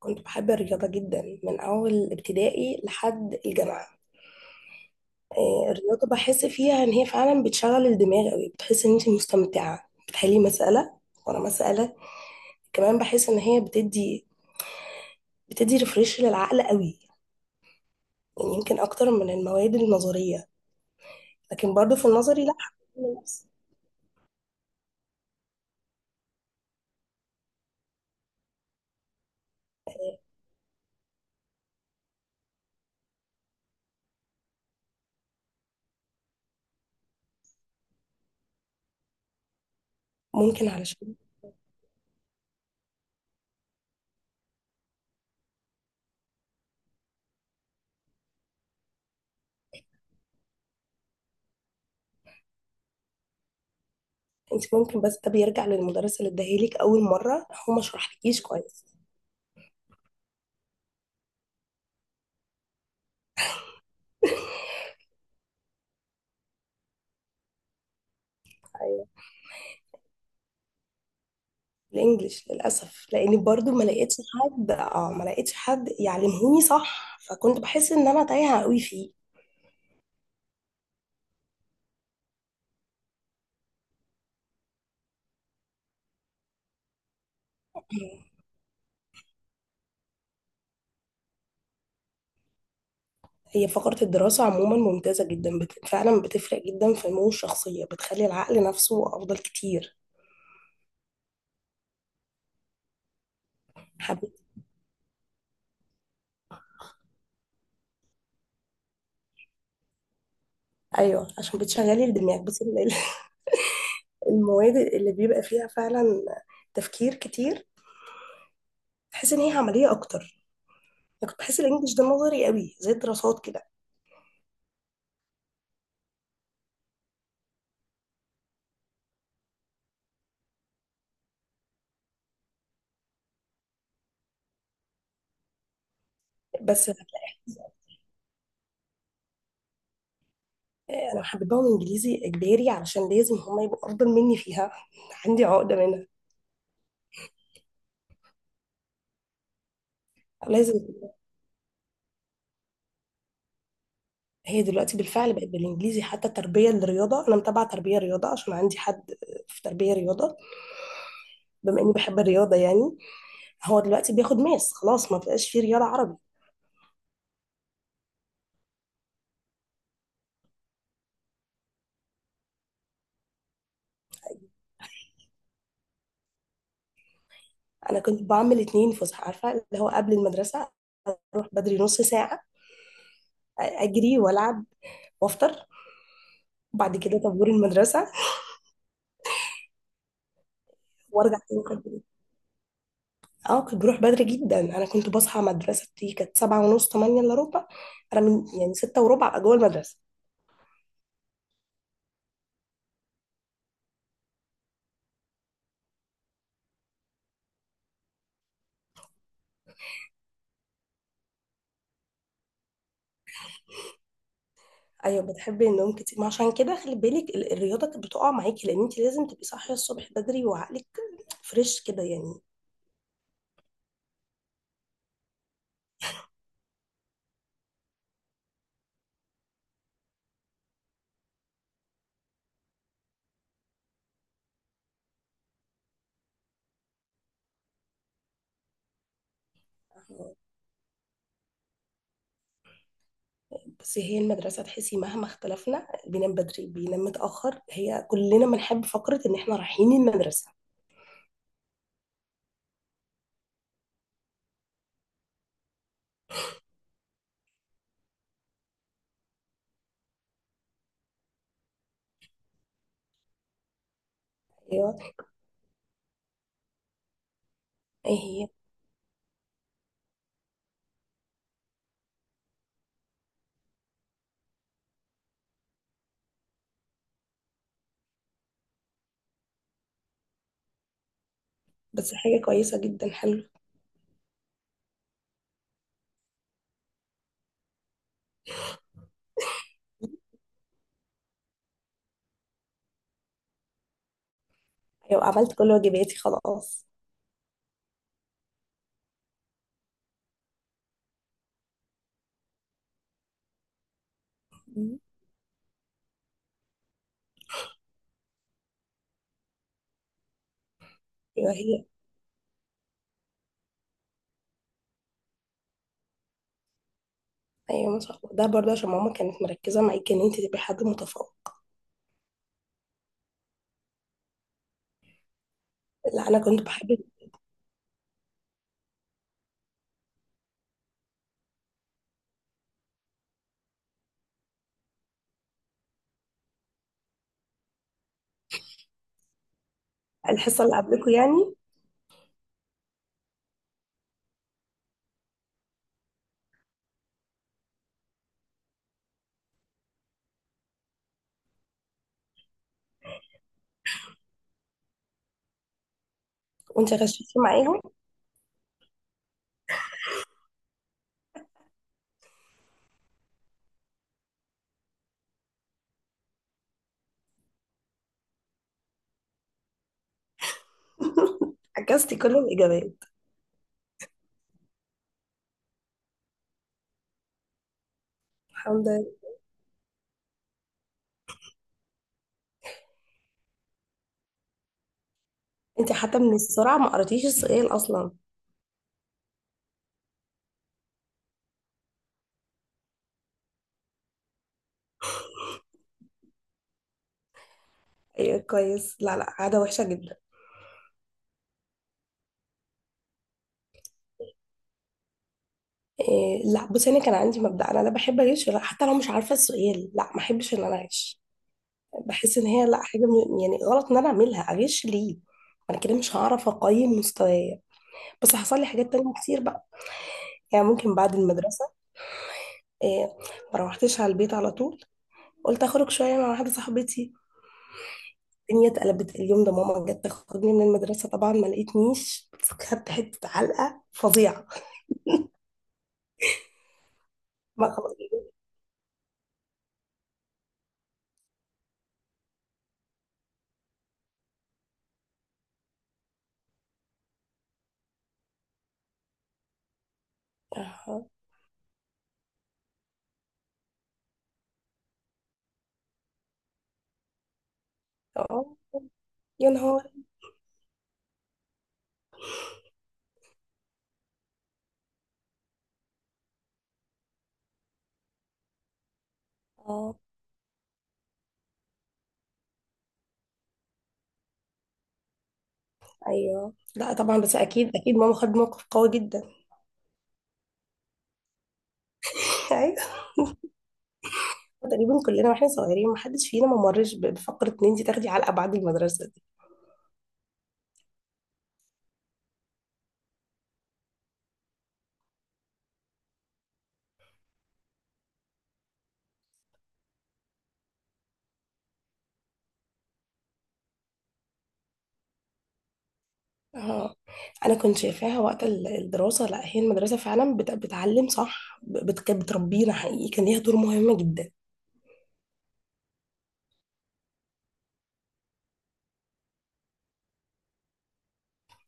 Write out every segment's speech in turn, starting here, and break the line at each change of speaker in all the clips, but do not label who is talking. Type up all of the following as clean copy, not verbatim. كنت بحب الرياضة جدا من أول ابتدائي لحد الجامعة. آه، الرياضة بحس فيها إن هي فعلا بتشغل الدماغ أوي، بتحس إن أنت مستمتعة بتحلي مسألة ورا مسألة. كمان بحس إن هي بتدي ريفريش للعقل أوي، يعني يمكن أكتر من المواد النظرية. لكن برضو في النظري لأ حقيقي نفس. ممكن علشان أنت ممكن، بس ده بيرجع للمدرس اللي اداهالك أول مرة، هو ما شرحلكيش كويس. الانجليش للاسف لاني برضو ما لقيتش حد يعلمهوني صح، فكنت بحس ان انا تايهه قوي فيه. هي فقرة الدراسة عموما ممتازة جدا، فعلا بتفرق جدا في نمو الشخصية، بتخلي العقل نفسه أفضل كتير. حبيبتي. أيوة، عشان بتشغلي الدماغ، بس المواد اللي بيبقى فيها فعلا تفكير كتير، تحس إن هي عملية أكتر. أنا كنت بحس الإنجليش ده نظري قوي زي الدراسات كده. بس انا حببهم انجليزي اجباري علشان لازم هما يبقوا افضل مني فيها. عندي عقده منها. لازم. هي دلوقتي بالفعل بقت بالانجليزي، حتى تربيه الرياضه، انا متابعه تربيه رياضه عشان عندي حد في تربيه رياضه. بما اني بحب الرياضه يعني. هو دلوقتي بياخد ماس، خلاص ما بقاش في رياضه عربي. انا كنت بعمل 2 فسحه، عارفه، اللي هو قبل المدرسه اروح بدري نص ساعه، اجري والعب، وافطر، وبعد كده طابور المدرسه، وارجع تاني. اه، كنت بروح بدري جدا. انا كنت بصحى، مدرستي كانت 7:30 7:45، انا من يعني 6:15 ابقى جوه المدرسة. ايوه، بتحبي النوم كتير، ما عشان كده خلي بالك، الرياضة كانت بتقع معاكي لان انت لازم تبقي صاحية الصبح بدري، وعقلك فريش كده يعني. بس هي المدرسة، تحسي مهما اختلفنا بينام بدري بينام متأخر، هي كلنا بنحب فقرة ان احنا رايحين المدرسة. ايوه. ايه هي؟ بس حاجة كويسة جدا، حلو. ايوه، عملت كل واجباتي خلاص. مم. ايوه هي. ايوه ما شاء الله، ده برضه عشان ماما كانت مركزه معاكي ان انت تبقي حد متفوق. لا انا كنت بحب. الحصه اللي قبلكم يعني. وانت غششتي معاهم؟ عكستي كل الاجابات. الحمد لله. انت حتى من السرعه ما قريتيش السؤال اصلا. ايوه كويس، لا لا عاده وحشه جدا. إيه، لا بصي، انا كان عندي مبدا، انا لا بحب اغش، ولا حتى لو مش عارفه السؤال لا ما احبش ان انا اغش. بحس ان هي لا حاجه، يعني غلط، ان انا اعملها، اغش ليه؟ انا كده مش هعرف اقيم مستوايا. بس حصل لي حاجات تانية كتير بقى، يعني ممكن بعد المدرسه. إيه. ما روحتش على البيت على طول، قلت اخرج شويه مع واحده صاحبتي. الدنيا اتقلبت اليوم ده، ماما جت تاخدني من المدرسه طبعا ما لقيتنيش، بس خدت حته علقه فظيعه. ما خلاص. اه. آه. يا نهار. اه. ايوه لا طبعا، بس اكيد اكيد ماما خدت موقف قوي جدا. ايوه. تقريبا كلنا واحنا صغيرين ما حدش فينا ما مرش بفقره ان انت تاخدي علقه بعد المدرسه. اه. انا كنت شايفاها وقت الدراسه، لا هي المدرسه فعلا بتعلم صح، كانت بتربينا حقيقي، كان ليها دور مهم جدا.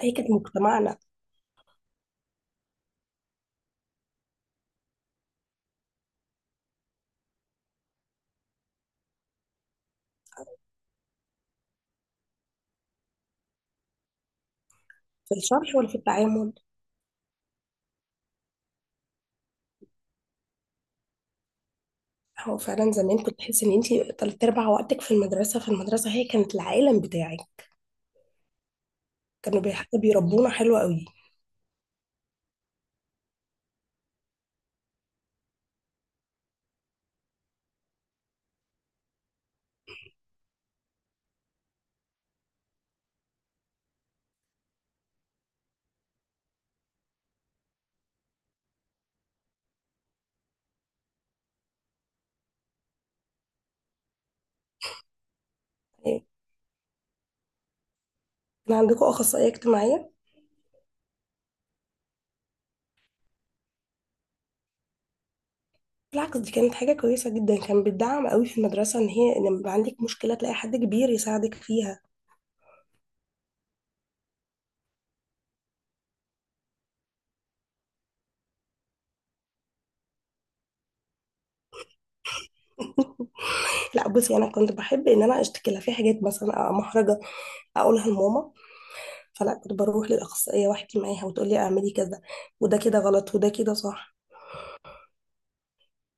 هي كانت مجتمعنا. في الشرح ولا في التعامل؟ هو فعلا زمان كنت تحس ان انت تلات ارباع وقتك في المدرسه، هي كانت العالم بتاعك. كانوا حتى بيربونا حلو قوي. يعني كان عندكم اخصائيه اجتماعيه؟ بالعكس دي كانت حاجه كويسه جدا، كان بتدعم قوي في المدرسه، ان هي لما يبقى عندك مشكله تلاقي حد كبير يساعدك فيها. لا بصي، انا كنت بحب ان انا اشتكي لها في حاجات مثلا محرجه اقولها لماما، فلا كنت بروح للاخصائيه واحكي معاها وتقول لي اعملي كذا، وده كده غلط وده كده صح.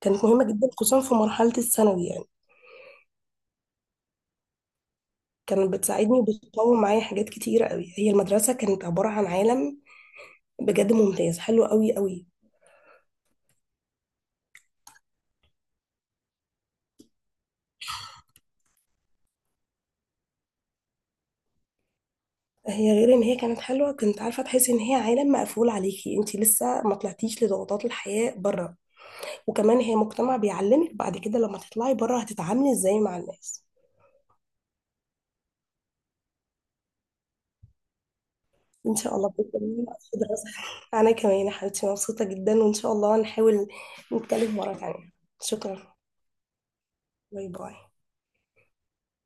كانت مهمه جدا خصوصا في مرحله الثانوي يعني. كانت بتساعدني وبتطور معايا حاجات كتيره قوي. هي المدرسه كانت عباره عن عالم بجد ممتاز، حلو قوي قوي. هي غير ان هي كانت حلوه، كنت عارفه، تحسي ان هي عالم مقفول عليكي، انت لسه ما طلعتيش لضغوطات الحياه بره. وكمان هي مجتمع بيعلمك بعد كده لما تطلعي بره هتتعاملي ازاي مع الناس. ان شاء الله باذن الله في دراسه. انا كمان يا حبيبتي مبسوطه جدا، وان شاء الله نحاول نتكلم مره تانية. شكرا. باي باي.